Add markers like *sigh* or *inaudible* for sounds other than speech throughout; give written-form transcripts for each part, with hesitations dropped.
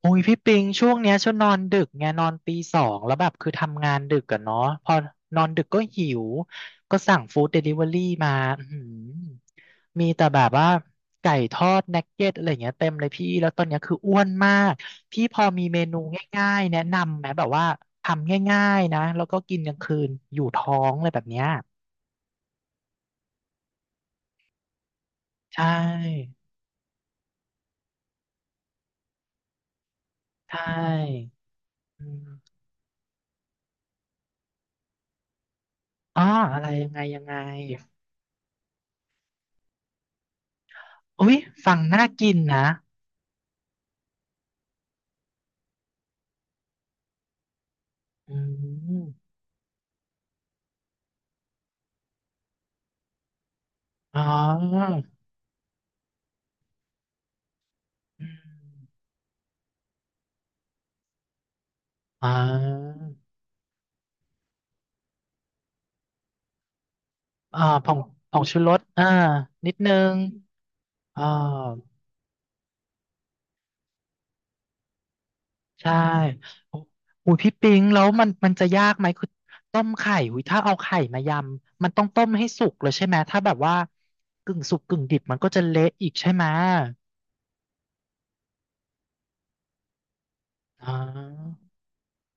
โอ้ยพี่ปิงช่วงเนี้ยช่วนนอนดึกไงนอนตีสองแล้วแบบคือทำงานดึกอะเนาะพอนอนดึกก็หิวก็สั่งฟู้ดเดลิเวอรี่มาอื้อหือมีแต่แบบว่าไก่ทอดนักเก็ตอะไรเงี้ยเต็มเลยพี่แล้วตอนเนี้ยคืออ้วนมากพี่พอมีเมนูง่ายๆแนะนำไหมแบบว่าทำง่ายๆนะแล้วก็กินกลางคืนอยู่ท้องอะไรแบบเนี้ยใช่ใช่อืมอ๋ออะไรยังไงยังไงอุ้ยฟังน่ากินนะอืม อ๋ออืมอ่าอ่าผงผงชูรสอ่านิดนึงอ่าใช่โอ้อุ้ยพี่ปิงแล้วมันมันจะยากไหมคือต้มไข่อุ้ยถ้าเอาไข่มายำมันต้องต้มให้สุกเลยใช่ไหม ถ้าแบบว่ากึ่งสุกกึ่งดิบมันก็จะเละอีกใช่ไหมอ่า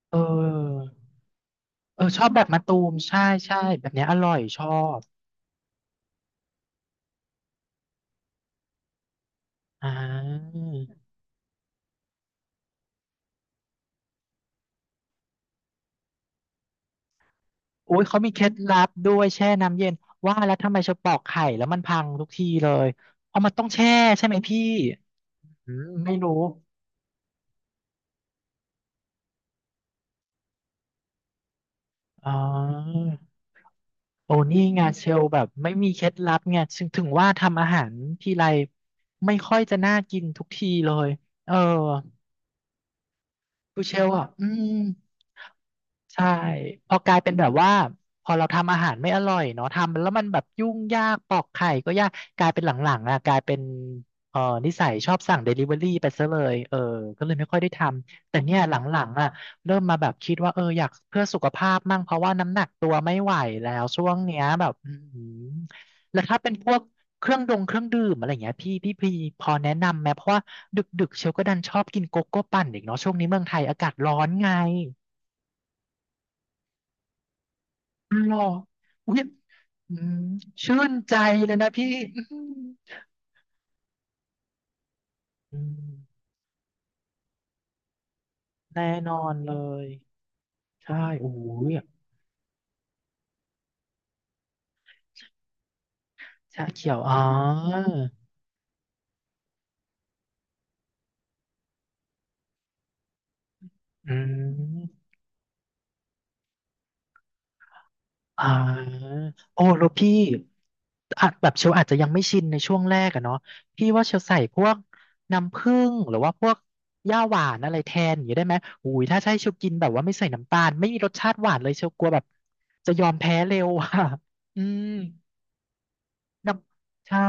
เออเออชอบแบบมะตูมใช่ใช่แบบเนี้ยอร่อยชอบอ่า อุ้ยเขามีเคล็ดลับด้วยแช่น้ำเย็นว่าแล้วทำไมเชอปอกไข่แล้วมันพังทุกทีเลยเพราะมันต้องแช่ใช่ไหมพี่อืมไม่รู้อ๋อโอ้นี่ไงเชลแบบไม่มีเคล็ดลับไงถึงว่าทำอาหารทีไรไม่ค่อยจะน่ากินทุกทีเลยเออคือเชลอ่ะอืม ใช่พอกลายเป็นแบบว่าพอเราทำอาหารไม่อร่อยเนาะทำแล้วมันแบบยุ่งยากปอกไข่ก็ยากกลายเป็นหลังๆอ่ะกลายเป็นเออนิสัยชอบสั่งเดลิเวอรี่ไปซะเลยเออก็เลยไม่ค่อยได้ทำแต่เนี่ยหลังๆอ่ะเริ่มมาแบบคิดว่าเอออยากเพื่อสุขภาพมั่งเพราะว่าน้ำหนักตัวไม่ไหวแล้วช่วงเนี้ยแบบอือหือแล้วถ้าเป็นพวกเครื่องดื่มอะไรอย่างเงี้ยพี่พอแนะนำไหมเพราะว่าดึกๆเชลก็ดันชอบกินโกโก้ปั่นอีกเนาะช่วงนี้เมืองไทยอากาศร้อนไง หรออุ๊ยอืมชื่นใจเลยนะพี่อืมอืมแน่นอนเลย ใช่โอ้ยชาเขียวอ๋ออืมอ่าโอ้แล้วพี่อาจแบบเชลอาจจะยังไม่ชินในช่วงแรกอะเนาะพี่ว่าเชลใส่พวกน้ำผึ้งหรือว่าพวกย่าหวานอะไรแทนอย่างนี้ได้ไหมโอ้ยถ้าใช่เชลกินแบบว่าไม่ใส่น้ำตาลไม่มีรสชาติหวานเลยเชลกลัวแบบจะยอมแพ้เร็วอ่ะอืม น้ำใช่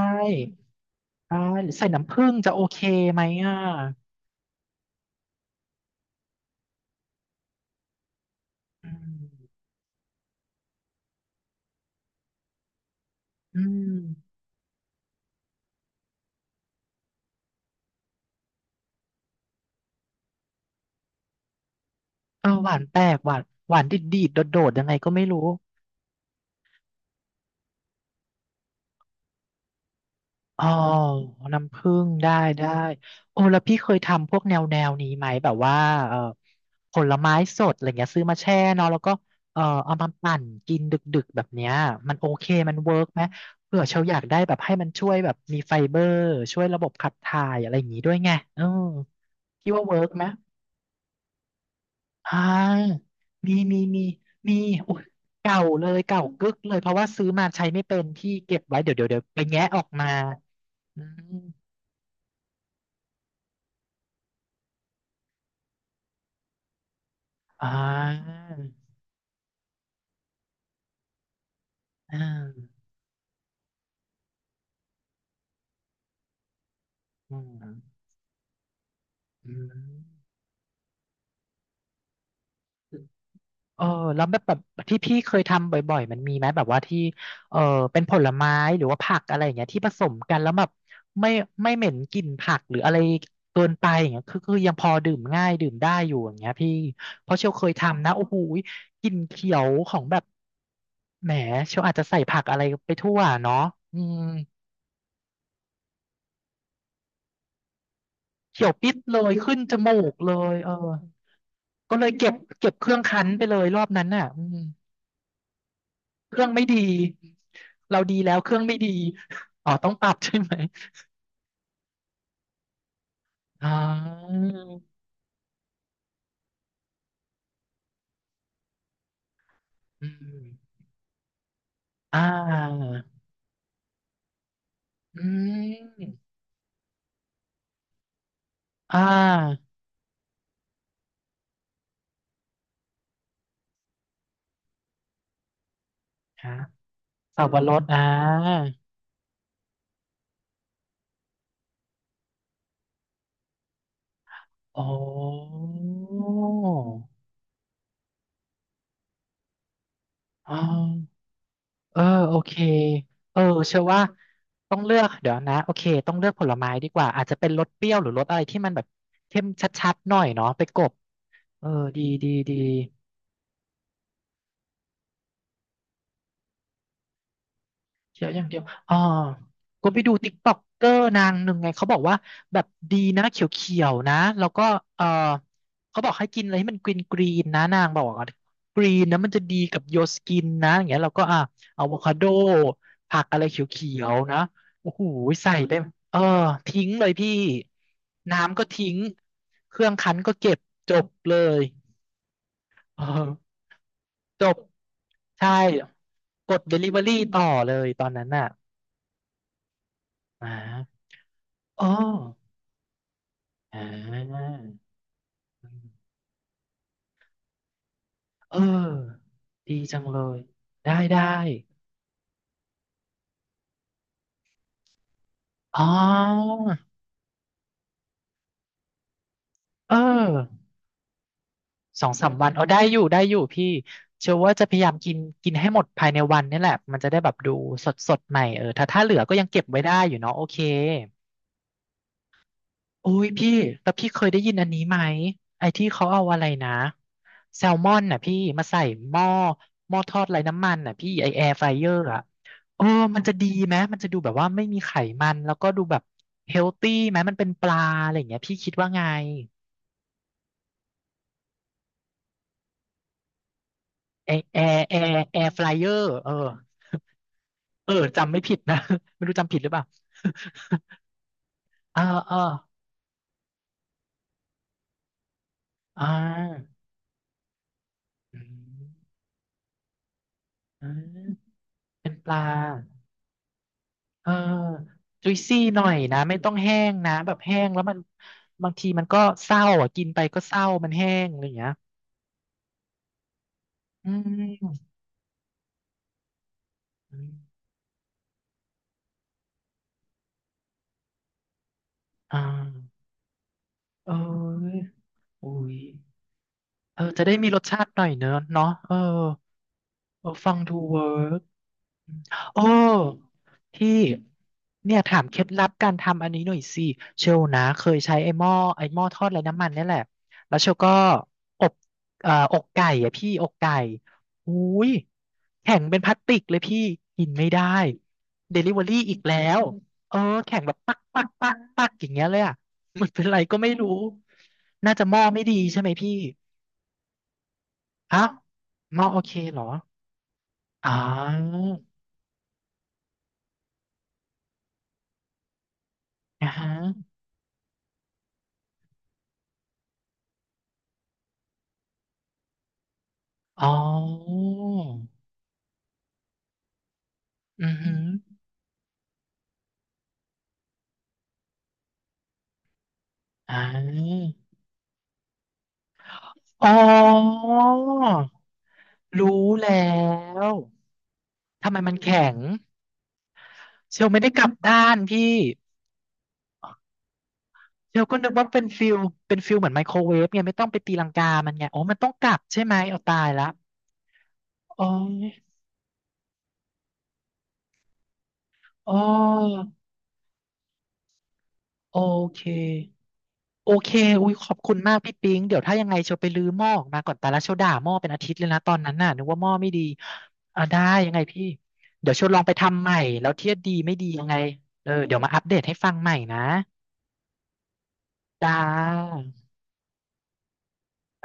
ใช่หรือใส่น้ำผึ้งจะโอเคไหมอ่ะอืมอืมเออหวานแปลกหวานหวานดีดดีดโดดโดดยังไงก็ไม่รู้อ๋อน้ำผึ้งได้ได้โอ้แล้วพี่เคยทำพวกแนวแนวนี้ไหมแบบว่าเออผลไม้สดอะไรเงี้ยซื้อมาแช่เนาะแล้วก็เออเอามาปั่นกินดึกๆแบบเนี้ยมันโอเคมันเวิร์กไหมเผื่อเชลอยากได้แบบให้มันช่วยแบบมีไฟเบอร์ช่วยระบบขับถ่ายอะไรอย่างงี้ด้วยไงเออคิดว่าเวิร์กไหม อ่ามีมีมีมีโอ้ยเก่าเลยเก่ากึกเลยเพราะว่าซื้อมาใช้ไม่เป็นพี่เก็บไว้เดี๋ยวไปแงะออกมาอืมอ่าอ่าอืมอืม เออแล้วแบบแบบที่พี่เคยทำบ่อยๆมันมีไหมแบบว่าที่เออเป็นผลไม้หรือว่าผักอะไรอย่างเงี้ยที่ผสมกันแล้วแบบไม่ไม่เหม็นกลิ่นผักหรืออะไรเกินไปอย่างเงี้ยคือยังพอดื่มง่ายดื่มได้อยู่อย่างเงี้ยพี่เพราะเชลเคยทำนะโอ้โหกลิ่นเขียวของแบบแหมเชลอาจจะใส่ผักอะไรไปทั่วเนาะอืมเขียวปิดเลยขึ้นจมูกเลยเออก็เลยเก็บเครื่องคั้นไปเลยรอบนั้นน่ะอืม เครื่องไม่ดีเราดีแล้วเครื่องไม่ดีอ๋อต้องปรับใช่ไหมอ๋ออืมอ่าอืมอ่าฮะสับปะรดอ่าอ๋ออ๋อเออโอเคเออเชื่อว่าต้องเลือกเดี๋ยวนะโอเคต้องเลือกผลไม้ดีกว่าอาจจะเป็นรสเปรี้ยวหรือรสอะไรที่มันแบบเข้มชัดๆหน่อยเนาะไปกบเออดีดีดี เขียวอย่างเดียวอ๋อก็ไปดูติ๊กต็อกเกอร์นางหนึ่งไงเขาบอกว่าแบบดีนะเขียวๆนะ แล้วก็ เออเขาบอกให้กินอะไรให้มันกรีนกรีนนะนางบอกว่ากรีนนะมันจะดีกับโยสกินนะอย่างเงี้ยแล้วก็อ่ะอะโวคาโดผักอะไรเขียวๆนะโอ้โหใส่ได้เออทิ้งเลยพี่น้ำก็ทิ้งเครื่องคั้นก็เก็บจบเลยเออจบใช่กด Delivery ต่อเลยตอนนั้นน่ะอ่า อ๋ออ่าเออดีจังเลย ได้ได้อ๋อเออสองสามวันเอาได้อยู่ได้อยู่พี่เชื่อว่าจะพยายามกินกินให้หมดภายในวันนี่แหละ มันจะได้แบบดูสดสดใหม่เออถ้าเหลือก็ยังเก็บไว้ได้อยู่เนาะโอเค โอ้ยพี่แล้วพี่เคยได้ยินอันนี้ไหม ไอ้ที่เขาเอาอะไรนะแซลมอนน่ะพี่มาใส่หม้อหม้อทอดไร้น้ำมันน่ะพี่ไอแอร์ไฟเออร์อะเออมันจะดีไหมมันจะดูแบบว่าไม่มีไขมันแล้วก็ดูแบบเฮลตี้ไหมมันเป็นปลาอะไรอย่างเงี้ยพี่คิดว่าไงไอแอร์แอร์ไฟเออร์เออเออจำไม่ผิดนะ *laughs* ไม่รู้จำผิดหรือเปล่า *laughs* เออเอออ่าอืมอืมเป็นปลา เออจุยซี่หน่อยนะ ไม่ต้องแห้งนะ แบบแห้งแล้วมันบางทีมันก็เศร้าอ่ะกินไปก็เศร้ามันแห้งอะไรอย่างเงี้ยอืมอ่าเอออุ้ย เออ จะได้มีรสชาติหน่อยเนอะเนาะเออเออฟังดูเวิร์ก โอ้พี่เนี่ยถามเคล็ดลับการทำอันนี้หน่อยสิเชลนะเคยใช้ไอ้หม้อทอดไร้น้ำมันเนี่ยแหละแล้วเชลก็อบอกไก่อะพี่อกไก่อุ้ยแข็งเป็นพลาสติกเลยพี่กินไม่ได้เดลิเวอรี่อีกแล้วเออแข็งแบบปักปักปักปักอย่างเงี้ยเลยอ่ะมันเป็นไรก็ไม่รู้น่าจะหม้อไม่ดีใช่ไหมพี่อ้าวหม้อโอเคเหรออ๋ออ่าฮะ อ๋ออือหืออ่าอ๋อ รู้แล้ว ทำไมมันแข็งเชลไม่ได้กลับด้านพี่เชลก็นึกว่าเป็นฟิลเป็นฟิลเหมือนไมโครเวฟไงไม่ต้องไปตีลังกามันไงโอ้มันต้องกลับใช่ไหมเอาตายละอ๋ออ๋อ โอเค โอเคอุ้ยขอบคุณมากพี่ปิ๊งเดี๋ยวถ้ายังไงเชลไปรื้อหม้อออกมาก่อนแต่ละเชลด่าหม้อเป็นอาทิตย์เลยนะตอนนั้นน่ะนึกว่าหม้อไม่ดี อ่าได้ยังไงพี่ เดี๋ยวเชลลองไปทำใหม่แล้วเทียบดีไม่ดียังไงเออเดี๋ยวมาอัปเดตให้ฟังใหม่นะจ้า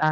จ้า